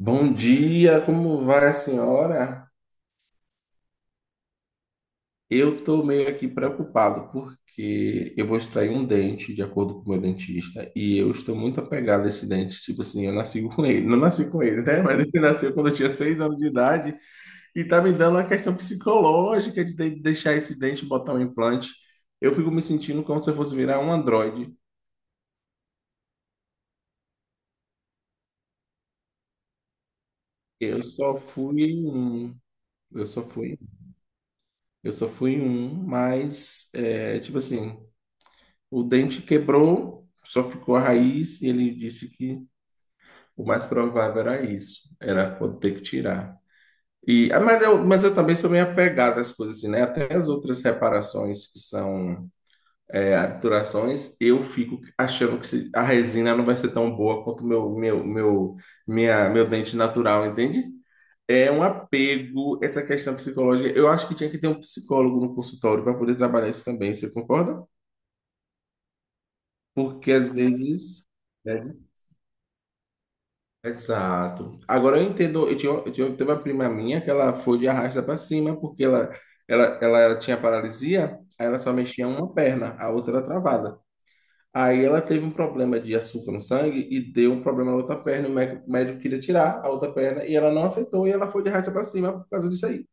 Bom dia, como vai a senhora? Eu tô meio aqui preocupado porque eu vou extrair um dente, de acordo com o meu dentista, e eu estou muito apegado a esse dente. Tipo assim, eu nasci com ele, não nasci com ele, né? Mas ele nasceu quando eu tinha 6 anos de idade e tá me dando uma questão psicológica de deixar esse dente e botar um implante. Eu fico me sentindo como se eu fosse virar um androide. Eu só fui em um, eu só fui, eu só fui em um, mas é, tipo assim. O dente quebrou, só ficou a raiz, e ele disse que o mais provável era isso, era ter que tirar. E, ah, mas, mas eu também sou meio apegado às coisas assim, né? Até as outras reparações que são obturações, eu fico achando que a resina não vai ser tão boa quanto o meu dente natural, entende? É um apego, essa questão psicológica. Eu acho que tinha que ter um psicólogo no consultório para poder trabalhar isso também, você concorda? Porque às vezes. Né? Exato. Agora eu entendo, teve uma prima minha que ela foi de arrasta para cima, porque ela tinha paralisia, aí ela só mexia uma perna, a outra era travada. Aí ela teve um problema de açúcar no sangue e deu um problema na outra perna, e o médico queria tirar a outra perna e ela não aceitou e ela foi de arrasta para cima por causa disso aí.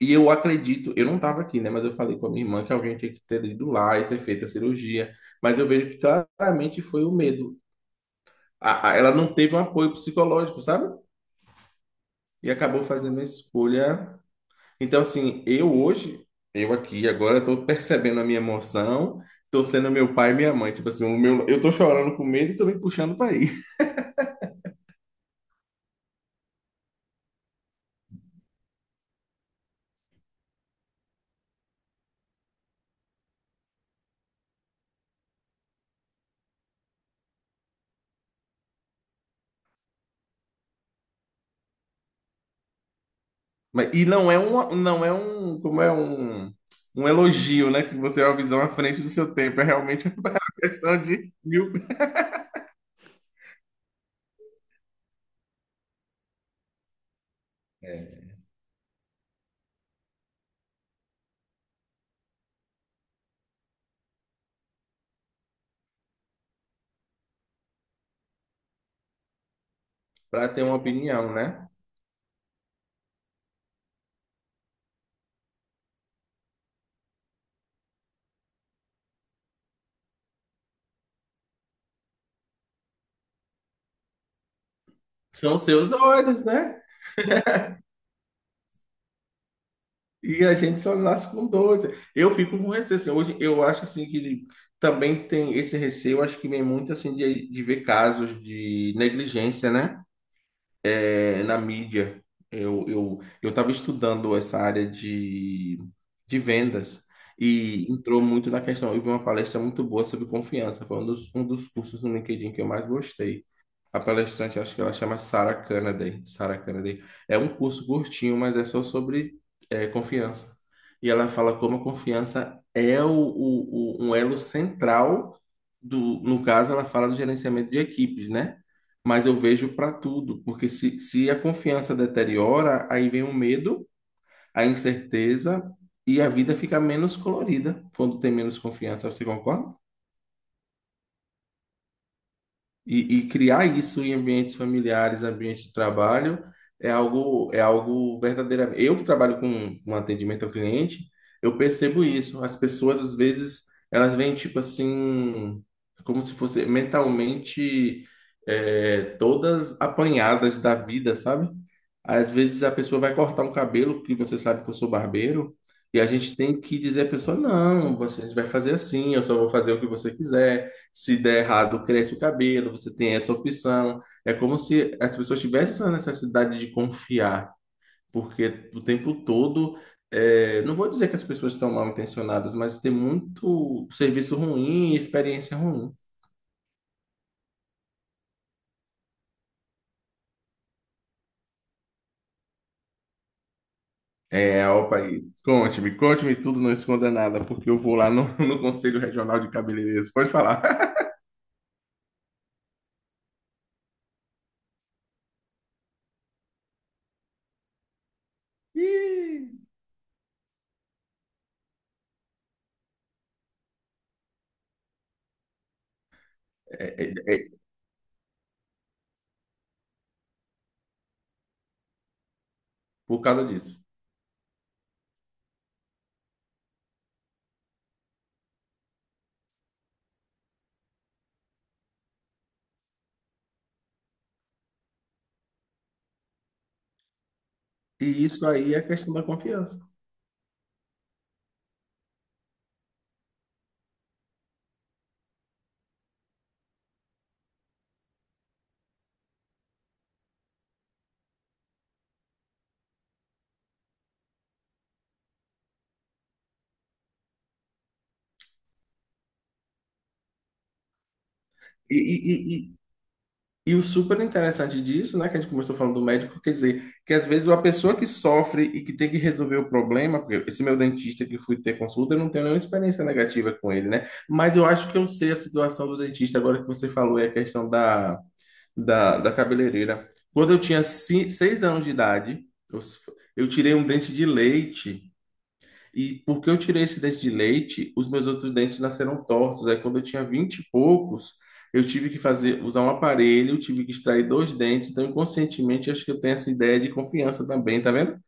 E eu acredito, eu não estava aqui, né, mas eu falei com a minha irmã que alguém tinha que ter ido lá e ter feito a cirurgia, mas eu vejo que claramente foi o medo. Ela não teve um apoio psicológico, sabe? E acabou fazendo a escolha. Então, assim, eu hoje, eu aqui agora, estou percebendo a minha emoção, estou sendo meu pai e minha mãe. Tipo assim, eu estou chorando com medo e estou me puxando para ir. Mas, e não é uma, não é um, como é um, um elogio, né? Que você é uma visão à frente do seu tempo. É realmente uma questão de mil. Para ter uma opinião, né? São seus olhos, né? E a gente só nasce com 12. Eu fico com receio, assim, hoje eu acho assim que também tem esse receio, acho que vem muito assim de ver casos de negligência, né? É, na mídia. Eu estava estudando essa área de vendas e entrou muito na questão. Eu vi uma palestra muito boa sobre confiança, foi um dos cursos no LinkedIn que eu mais gostei. A palestrante, acho que ela chama Sarah Canaday. Sarah Canaday. É um curso curtinho, mas é só sobre confiança. E ela fala como a confiança é um elo central do, no caso, ela fala do gerenciamento de equipes, né? Mas eu vejo para tudo, porque se a confiança deteriora, aí vem o medo, a incerteza e a vida fica menos colorida quando tem menos confiança. Você concorda? E criar isso em ambientes familiares, ambientes de trabalho, é algo verdadeiro. Eu que trabalho com atendimento ao cliente, eu percebo isso. As pessoas, às vezes, elas vêm, tipo assim, como se fosse mentalmente, é, todas apanhadas da vida, sabe? Às vezes a pessoa vai cortar um cabelo, que você sabe que eu sou barbeiro, e a gente tem que dizer à pessoa, não, você vai fazer assim, eu só vou fazer o que você quiser. Se der errado, cresce o cabelo, você tem essa opção. É como se as pessoas tivessem essa necessidade de confiar, porque o tempo todo, é, não vou dizer que as pessoas estão mal intencionadas, mas tem muito serviço ruim e experiência ruim. É, ó, país. Conte-me, conte-me tudo, não esconda nada, porque eu vou lá no, no Conselho Regional de Cabeleireiros. Pode falar. Ih, é, é, é, por causa disso. E isso aí é a questão da confiança. E, e, E o super interessante disso, né, que a gente começou falando do médico, quer dizer, que às vezes a pessoa que sofre e que tem que resolver o problema, porque esse meu dentista que fui ter consulta, eu não tenho nenhuma experiência negativa com ele, né? Mas eu acho que eu sei a situação do dentista, agora que você falou, é a questão da cabeleireira. Quando eu tinha 6 anos de idade, eu, s- eu tirei um dente de leite e porque eu tirei esse dente de leite, os meus outros dentes nasceram tortos. Aí quando eu tinha 20 e poucos, eu tive que fazer, usar um aparelho, tive que extrair dois dentes. Então, inconscientemente, acho que eu tenho essa ideia de confiança também, tá vendo?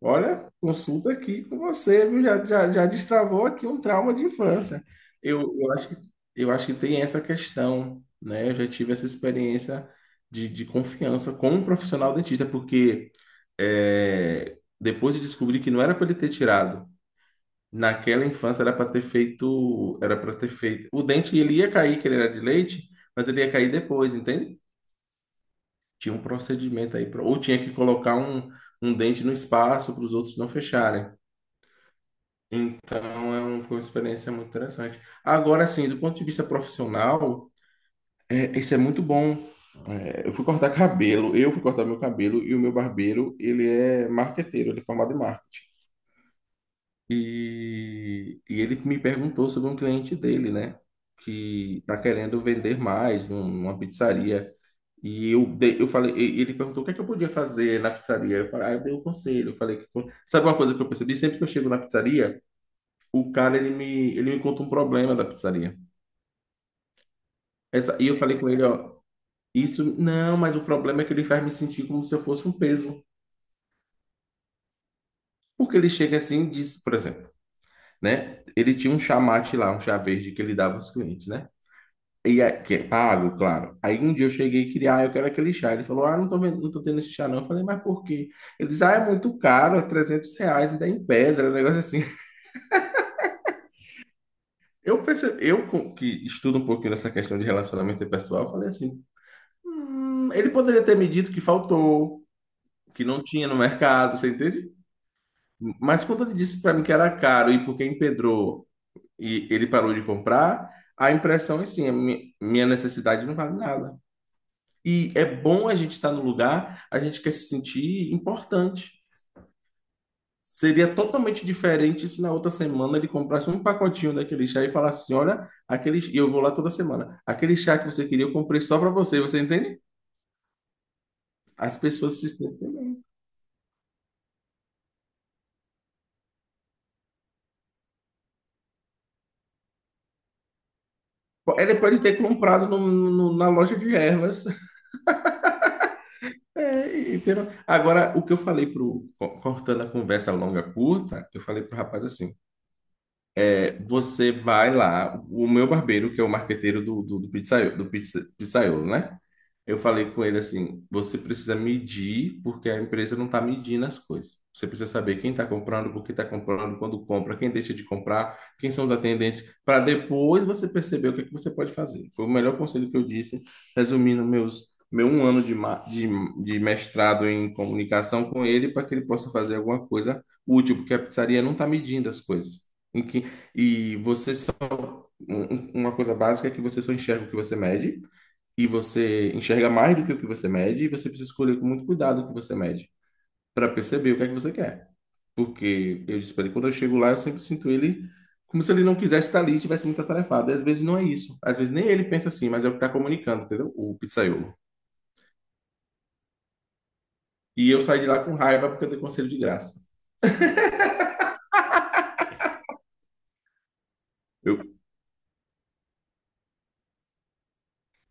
Olha, consulta aqui com você, viu? Já destravou aqui um trauma de infância. Eu, eu acho que, eu acho que tem essa questão, né? Eu já tive essa experiência de confiança com um profissional dentista, porque é, depois de descobrir que não era para ele ter tirado. Naquela infância era para ter feito, era para ter feito. O dente ele ia cair, que ele era de leite, mas ele ia cair depois, entende? Tinha um procedimento aí, ou tinha que colocar um dente no espaço para os outros não fecharem. Então é foi uma experiência muito interessante. Agora sim, do ponto de vista profissional, é, isso é muito bom. É, eu fui cortar meu cabelo e o meu barbeiro, ele é marqueteiro, ele é formado em marketing. E ele me perguntou sobre um cliente dele, né? Que tá querendo vender mais numa pizzaria. Eu falei, e ele perguntou o que é que eu podia fazer na pizzaria. Eu falei, ah, eu dei um conselho. Eu falei, que sabe uma coisa que eu percebi? Sempre que eu chego na pizzaria, o cara ele me conta um problema da pizzaria. Essa, e eu falei com ele, ó, isso não, mas o problema é que ele faz me sentir como se eu fosse um peso. Porque ele chega assim e diz, por exemplo, né? Ele tinha um chamate lá, um chá verde que ele dava aos clientes, né? E é, que é pago, claro. Aí um dia eu cheguei e queria, ah, eu quero aquele chá. Ele falou, ah, não tô tendo esse chá não. Eu falei, mas por quê? Ele disse, ah, é muito caro, é R$ 300, ainda é em pedra, um negócio assim. Eu percebi, que estudo um pouquinho nessa questão de relacionamento pessoal, eu falei assim, ele poderia ter me dito que faltou, que não tinha no mercado, você entende? Mas quando ele disse para mim que era caro e porque empedrou e ele parou de comprar, a impressão é assim, a minha necessidade não vale nada. E é bom a gente estar no lugar, a gente quer se sentir importante. Seria totalmente diferente se na outra semana ele comprasse um pacotinho daquele chá e falasse assim: olha, aquele... e eu vou lá toda semana. Aquele chá que você queria, eu comprei só para você, você entende? As pessoas se sentem. Ele pode ter comprado na loja de ervas. É, entendeu? Agora, o que eu falei pro. Cortando a conversa longa curta, eu falei pro rapaz assim. É, você vai lá, o meu barbeiro, que é o marqueteiro pizzaiolo, pizzaiolo, né? Eu falei com ele assim: você precisa medir, porque a empresa não está medindo as coisas. Você precisa saber quem está comprando, por que está comprando, quando compra, quem deixa de comprar, quem são os atendentes, para depois você perceber o que é que você pode fazer. Foi o melhor conselho que eu disse, resumindo meu um ano de mestrado em comunicação com ele, para que ele possa fazer alguma coisa útil, porque a pizzaria não está medindo as coisas. E você, um, uma coisa básica é que você só enxerga o que você mede, e você enxerga mais do que o que você mede, e você precisa escolher com muito cuidado o que você mede, para perceber o que é que você quer. Porque eu disse para ele, quando eu chego lá, eu sempre sinto ele como se ele não quisesse estar ali e tivesse muito atarefado. E às vezes não é isso. Às vezes nem ele pensa assim, mas é o que está comunicando, entendeu? O pizzaiolo. E eu saí de lá com raiva porque eu dei conselho de graça. Eu,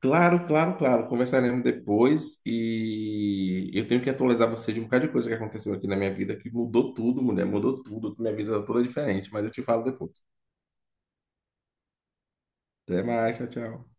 Claro, claro, claro. Conversaremos depois e eu tenho que atualizar você de um bocado de coisa que aconteceu aqui na minha vida, que mudou tudo, mulher, mudou tudo. Minha vida tá toda diferente, mas eu te falo depois. Até mais, tchau, tchau.